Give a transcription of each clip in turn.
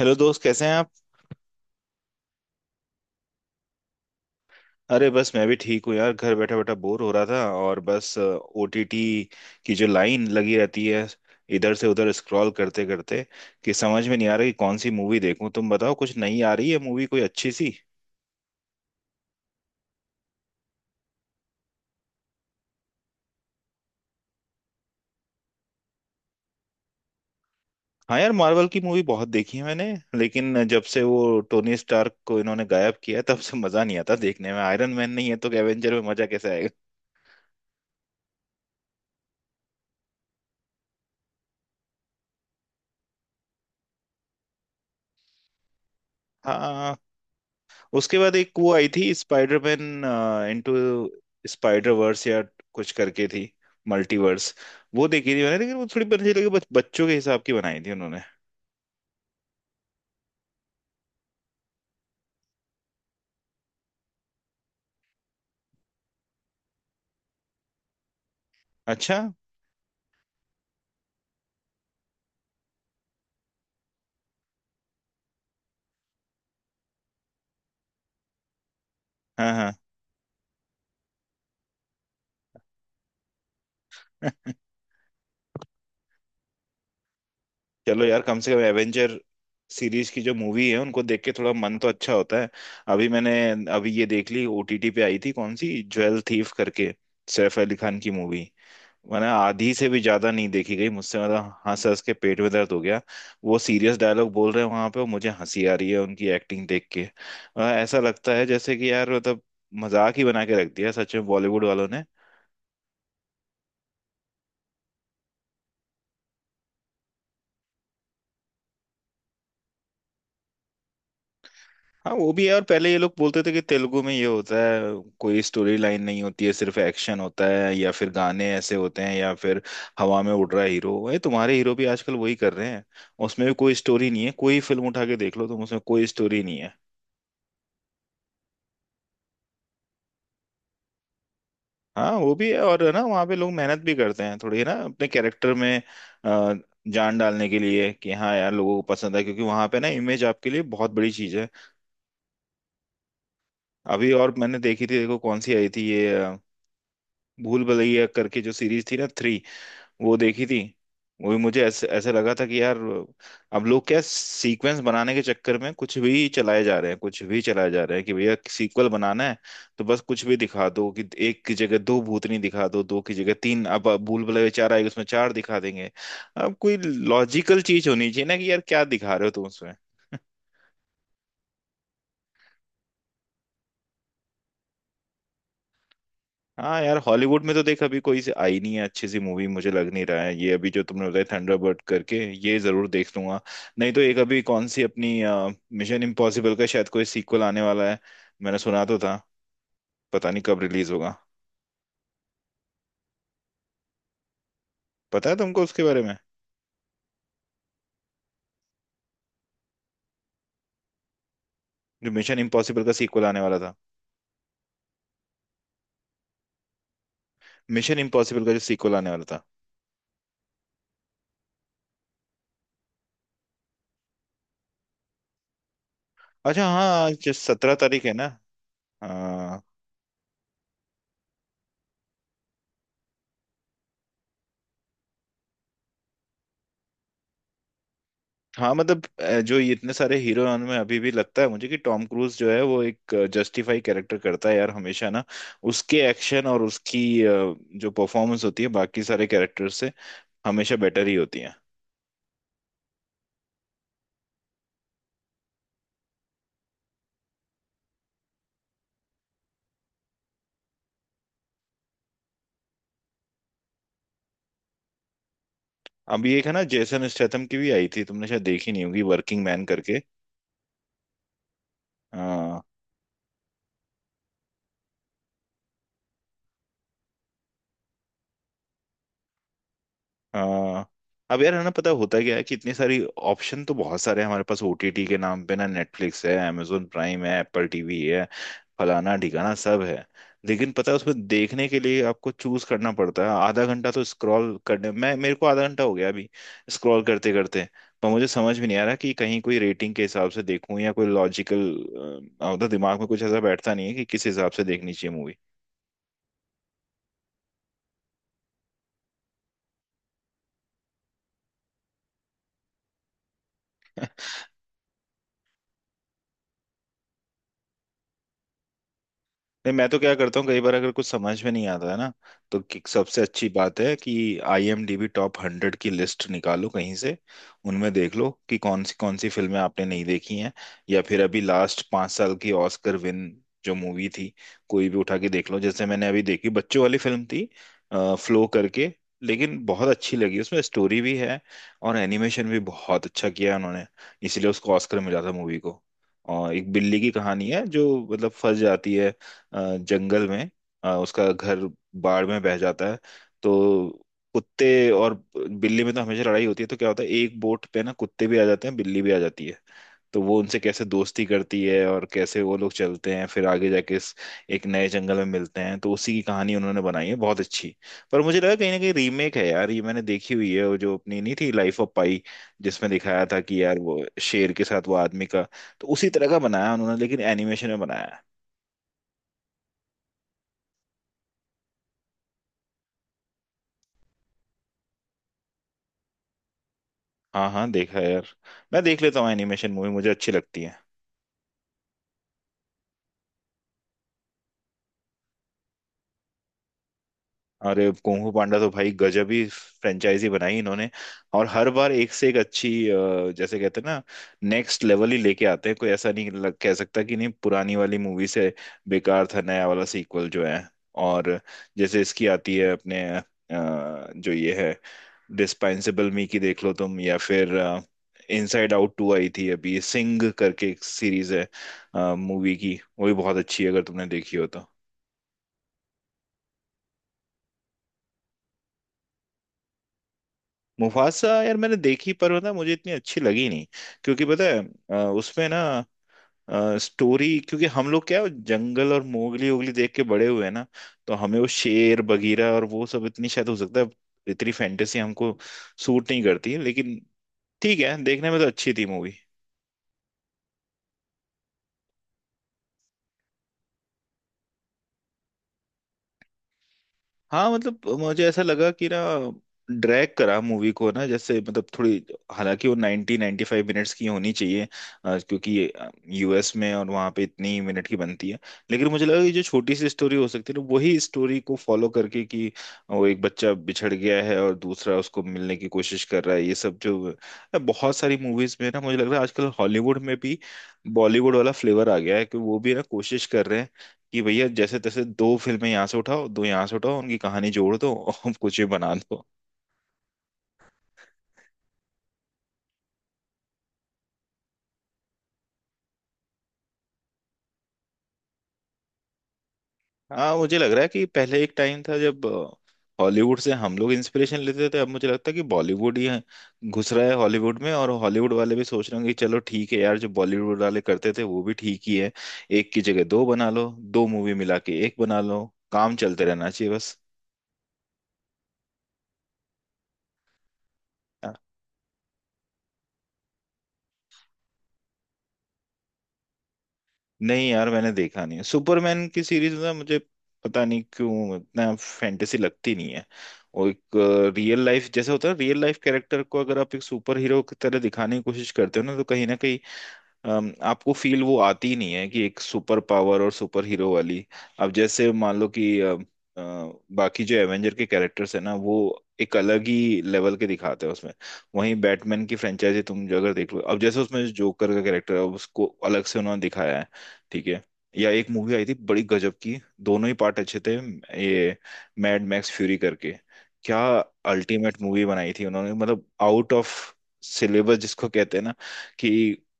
Hello दोस्त, कैसे हैं आप? अरे बस, मैं भी ठीक हूँ यार। घर बैठा बैठा बोर हो रहा था और बस ओटीटी की जो लाइन लगी रहती है, इधर से उधर स्क्रॉल करते करते कि समझ में नहीं आ रहा कि कौन सी मूवी देखूं। तुम बताओ, कुछ नई आ रही है मूवी कोई अच्छी सी? हाँ यार, मार्वल की मूवी बहुत देखी है मैंने, लेकिन जब से वो टोनी स्टार्क को इन्होंने गायब किया है, तब से मजा नहीं आता देखने में। आयरन मैन नहीं है तो एवेंजर में मजा कैसे आएगा। हाँ, उसके बाद एक वो आई थी स्पाइडरमैन इनटू स्पाइडर वर्स या कुछ करके थी, मल्टीवर्स। वो देखी थी मैंने, लेकिन वो थोड़ी मुझे लगी बच्चों के हिसाब की बनाई थी उन्होंने। अच्छा। हाँ हाँ। चलो यार, कम से कम एवेंजर सीरीज की जो मूवी है उनको देख के थोड़ा मन तो अच्छा होता है। अभी मैंने, अभी ये देख ली ओटीटी पे आई थी कौन सी ज्वेल थीफ करके, सैफ अली खान की मूवी। मैंने आधी से भी ज्यादा नहीं देखी गई मुझसे, मतलब हंस हंस के पेट में दर्द हो गया। वो सीरियस डायलॉग बोल रहे हैं वहां पे और मुझे हंसी आ रही है उनकी एक्टिंग देख के। ऐसा लगता है जैसे कि यार मतलब मजाक ही बना के रख दिया सच में बॉलीवुड वालों ने। हाँ वो भी है, और पहले ये लोग बोलते थे कि तेलुगु में ये होता है, कोई स्टोरी लाइन नहीं होती है, सिर्फ एक्शन होता है या फिर गाने ऐसे होते हैं या फिर हवा में उड़ रहा है हीरो। ये तुम्हारे हीरो भी आजकल वही कर रहे हैं। उसमें भी कोई स्टोरी नहीं है, कोई फिल्म उठा के देख लो तुम, उसमें कोई स्टोरी नहीं है। हाँ वो भी है, और है ना वहाँ पे लोग मेहनत भी करते हैं थोड़ी है ना अपने कैरेक्टर में अ, जान डालने के लिए। कि हाँ यार, लोगों को पसंद है क्योंकि वहाँ पे ना इमेज आपके लिए बहुत बड़ी चीज है। अभी और मैंने देखी थी, देखो कौन सी आई थी ये भूल भुलैया करके जो सीरीज थी ना, थ्री। वो देखी थी। वो भी मुझे ऐसे ऐसे लगा था कि यार अब लोग क्या सीक्वेंस बनाने के चक्कर में कुछ भी चलाए जा रहे हैं, कुछ भी चलाए जा रहे हैं, कि भैया सीक्वल बनाना है तो बस कुछ भी दिखा दो। कि एक की जगह दो भूतनी दिखा दो, दो की जगह तीन, अब भूल भुलैया चार आएगी उसमें चार दिखा देंगे। अब कोई लॉजिकल चीज होनी चाहिए ना, कि यार क्या दिखा रहे हो तुम उसमें। हाँ यार, हॉलीवुड में तो देख अभी कोई से आई नहीं है अच्छी सी मूवी मुझे लग नहीं रहा है। ये अभी जो तुमने बताया थंडरबर्ड करके, ये जरूर देख लूंगा। नहीं तो एक अभी कौन सी अपनी मिशन इम्पॉसिबल का शायद कोई सीक्वल आने वाला है, मैंने सुना तो था। पता नहीं कब रिलीज होगा। पता है तुमको उसके बारे में, जो मिशन इम्पॉसिबल का सीक्वल आने वाला था? मिशन इम्पॉसिबल का जो सीक्वल आने वाला था। अच्छा, हाँ। आज 17 तारीख है ना। हाँ मतलब, जो ये इतने सारे हीरो में अभी भी लगता है मुझे, कि टॉम क्रूज जो है वो एक जस्टिफाई कैरेक्टर करता है यार हमेशा ना। उसके एक्शन और उसकी जो परफॉर्मेंस होती है, बाकी सारे कैरेक्टर से हमेशा बेटर ही होती है। अभी एक है ना जेसन स्टेथम की भी आई थी, तुमने शायद देखी नहीं होगी, वर्किंग मैन करके। हाँ। अब यार है ना, पता होता क्या है, कि इतनी सारी ऑप्शन तो बहुत सारे हैं हमारे पास ओटीटी के नाम पे ना। नेटफ्लिक्स है, amazon प्राइम है, एप्पल tv है, फलाना ढिकाना सब है। लेकिन पता है उसमें देखने के लिए आपको चूज करना पड़ता है। आधा घंटा तो स्क्रॉल करने मैं, मेरे को आधा घंटा हो गया अभी स्क्रॉल करते करते। पर मुझे समझ भी नहीं आ रहा कि कहीं कोई रेटिंग के हिसाब से देखूं या कोई लॉजिकल, मतलब दिमाग में कुछ ऐसा बैठता नहीं है कि किस हिसाब से देखनी चाहिए मूवी। नहीं, मैं तो क्या करता हूँ, कई बार अगर कुछ समझ में नहीं आता है ना, तो सबसे अच्छी बात है कि आईएमडीबी टॉप हंड्रेड की लिस्ट निकालो कहीं से, उनमें देख लो कि कौन सी फिल्में आपने नहीं देखी हैं। या फिर अभी लास्ट 5 साल की ऑस्कर विन जो मूवी थी कोई भी उठा के देख लो। जैसे मैंने अभी देखी, बच्चों वाली फिल्म थी, फ्लो करके। लेकिन बहुत अच्छी लगी, उसमें स्टोरी भी है और एनिमेशन भी बहुत अच्छा किया है उन्होंने, इसीलिए उसको ऑस्कर मिला था मूवी को। और एक बिल्ली की कहानी है जो मतलब फंस जाती है जंगल में। उसका घर बाढ़ में बह जाता है, तो कुत्ते और बिल्ली में तो हमेशा लड़ाई होती है, तो क्या होता है एक बोट पे ना कुत्ते भी आ जाते हैं, बिल्ली भी आ जाती है। तो वो उनसे कैसे दोस्ती करती है और कैसे वो लोग चलते हैं फिर आगे जाके इस एक नए जंगल में मिलते हैं, तो उसी की कहानी उन्होंने बनाई है बहुत अच्छी। पर मुझे लगा कहीं ना कहीं रीमेक है यार ये, मैंने देखी हुई है वो, जो अपनी नहीं थी लाइफ ऑफ पाई, जिसमें दिखाया था कि यार वो शेर के साथ वो आदमी का। तो उसी तरह का बनाया उन्होंने, लेकिन एनिमेशन में बनाया। हाँ हाँ, देखा है यार। मैं देख लेता हूँ एनिमेशन मूवी, मुझे अच्छी लगती है। अरे कुंग फू पांडा तो भाई, गजब ही फ्रेंचाइजी बनाई इन्होंने। और हर बार एक से एक अच्छी, जैसे कहते हैं ना, नेक्स्ट लेवल ही लेके आते हैं। कोई ऐसा नहीं कह सकता कि नहीं पुरानी वाली मूवी से बेकार था नया वाला सीक्वल जो है। और जैसे इसकी आती है अपने जो ये है डिस्पेंसिबल मी की, देख लो तुम। या फिर इनसाइड आउट टू आई थी अभी, सिंग करके एक सीरीज है मूवी की, वो भी बहुत अच्छी है अगर तुमने देखी हो तो। मुफासा यार मैंने देखी, पर पता है, मुझे इतनी अच्छी लगी नहीं। क्योंकि पता है उसमें ना स्टोरी, क्योंकि हम लोग क्या है, जंगल और मोगली ओगली देख के बड़े हुए हैं ना, तो हमें वो शेर बगीरा और वो सब, इतनी शायद हो सकता है इतनी फैंटेसी हमको सूट नहीं करती। लेकिन ठीक है, देखने में तो अच्छी थी मूवी। हाँ मतलब, मुझे ऐसा लगा कि ना ड्रैग करा मूवी को ना, जैसे मतलब थोड़ी। हालांकि वो 90 95 मिनट्स की होनी चाहिए क्योंकि यूएस में और वहाँ पे इतनी मिनट की बनती है। लेकिन मुझे लगा कि जो छोटी सी स्टोरी हो सकती है ना, वही स्टोरी को फॉलो करके, कि वो एक बच्चा बिछड़ गया है और दूसरा उसको मिलने की कोशिश कर रहा है, ये सब जो बहुत सारी मूवीज में ना, मुझे लग रहा है आजकल हॉलीवुड में भी बॉलीवुड वाला फ्लेवर आ गया है, कि वो भी ना कोशिश कर रहे हैं कि भैया जैसे तैसे दो फिल्में यहाँ से उठाओ, दो यहाँ से उठाओ, उनकी कहानी जोड़ दो और कुछ भी बना दो। हाँ, मुझे लग रहा है कि पहले एक टाइम था जब हॉलीवुड से हम लोग इंस्पिरेशन लेते थे, अब मुझे लगता है कि बॉलीवुड ही है- घुस रहा है हॉलीवुड में। और हॉलीवुड वाले भी सोच रहे होंगे कि चलो ठीक है यार, जो बॉलीवुड वाले करते थे वो भी ठीक ही है, एक की जगह दो बना लो, दो मूवी मिला के एक बना लो, काम चलते रहना चाहिए बस। नहीं यार, मैंने देखा नहीं है सुपरमैन की सीरीज ना मुझे, पता नहीं क्यों इतना फैंटेसी लगती नहीं है। और एक रियल लाइफ जैसे होता है, रियल लाइफ कैरेक्टर को अगर आप एक सुपर हीरो की तरह दिखाने की कोशिश करते हो ना, तो कहीं ना कहीं आपको फील वो आती नहीं है कि एक सुपर पावर और सुपर हीरो वाली। अब जैसे मान लो कि बाकी जो एवेंजर के कैरेक्टर्स है ना वो एक अलग ही लेवल के दिखाते हैं उसमें। वहीं बैटमैन की फ्रेंचाइजी तुम जो अगर देख लो, अब जैसे उसमें जो जोकर का कैरेक्टर है, उसको अलग से उन्होंने दिखाया है। ठीक है। या एक मूवी आई थी बड़ी गजब की, दोनों ही पार्ट अच्छे थे, ये मैड मैक्स फ्यूरी करके। क्या अल्टीमेट मूवी बनाई थी उन्होंने, मतलब आउट ऑफ सिलेबस जिसको कहते हैं ना, कि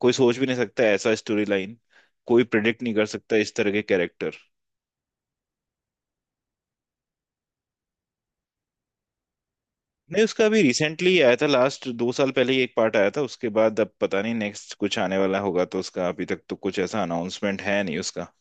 कोई सोच भी नहीं सकता ऐसा स्टोरी लाइन, कोई प्रिडिक्ट नहीं कर सकता इस तरह के कैरेक्टर। नहीं उसका अभी रिसेंटली आया था, लास्ट 2 साल पहले ही एक पार्ट आया था उसके बाद। अब पता नहीं नेक्स्ट कुछ आने वाला होगा तो उसका, अभी तक तो कुछ ऐसा अनाउंसमेंट है नहीं उसका।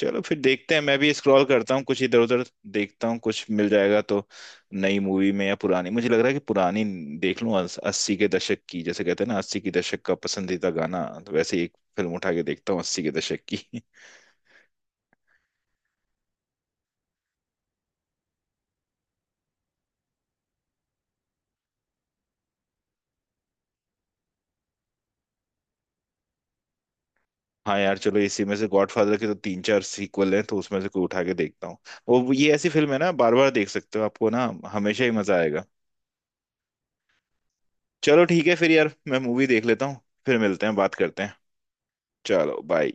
चलो फिर देखते हैं, मैं भी स्क्रॉल करता हूँ कुछ इधर उधर, देखता हूँ कुछ मिल जाएगा तो। नई मूवी में या पुरानी, मुझे लग रहा है कि पुरानी देख लूँ 80 के दशक की। जैसे कहते हैं ना 80 के दशक का पसंदीदा गाना, तो वैसे ही एक फिल्म उठा के देखता हूँ 80 के दशक की। हाँ यार चलो, इसी में से गॉडफादर के तो 3 4 सीक्वल हैं तो उसमें से कोई उठा के देखता हूँ। वो ये ऐसी फिल्म है ना, बार बार देख सकते हो, आपको ना हमेशा ही मजा आएगा। चलो ठीक है फिर यार, मैं मूवी देख लेता हूँ। फिर मिलते हैं, बात करते हैं। चलो बाय।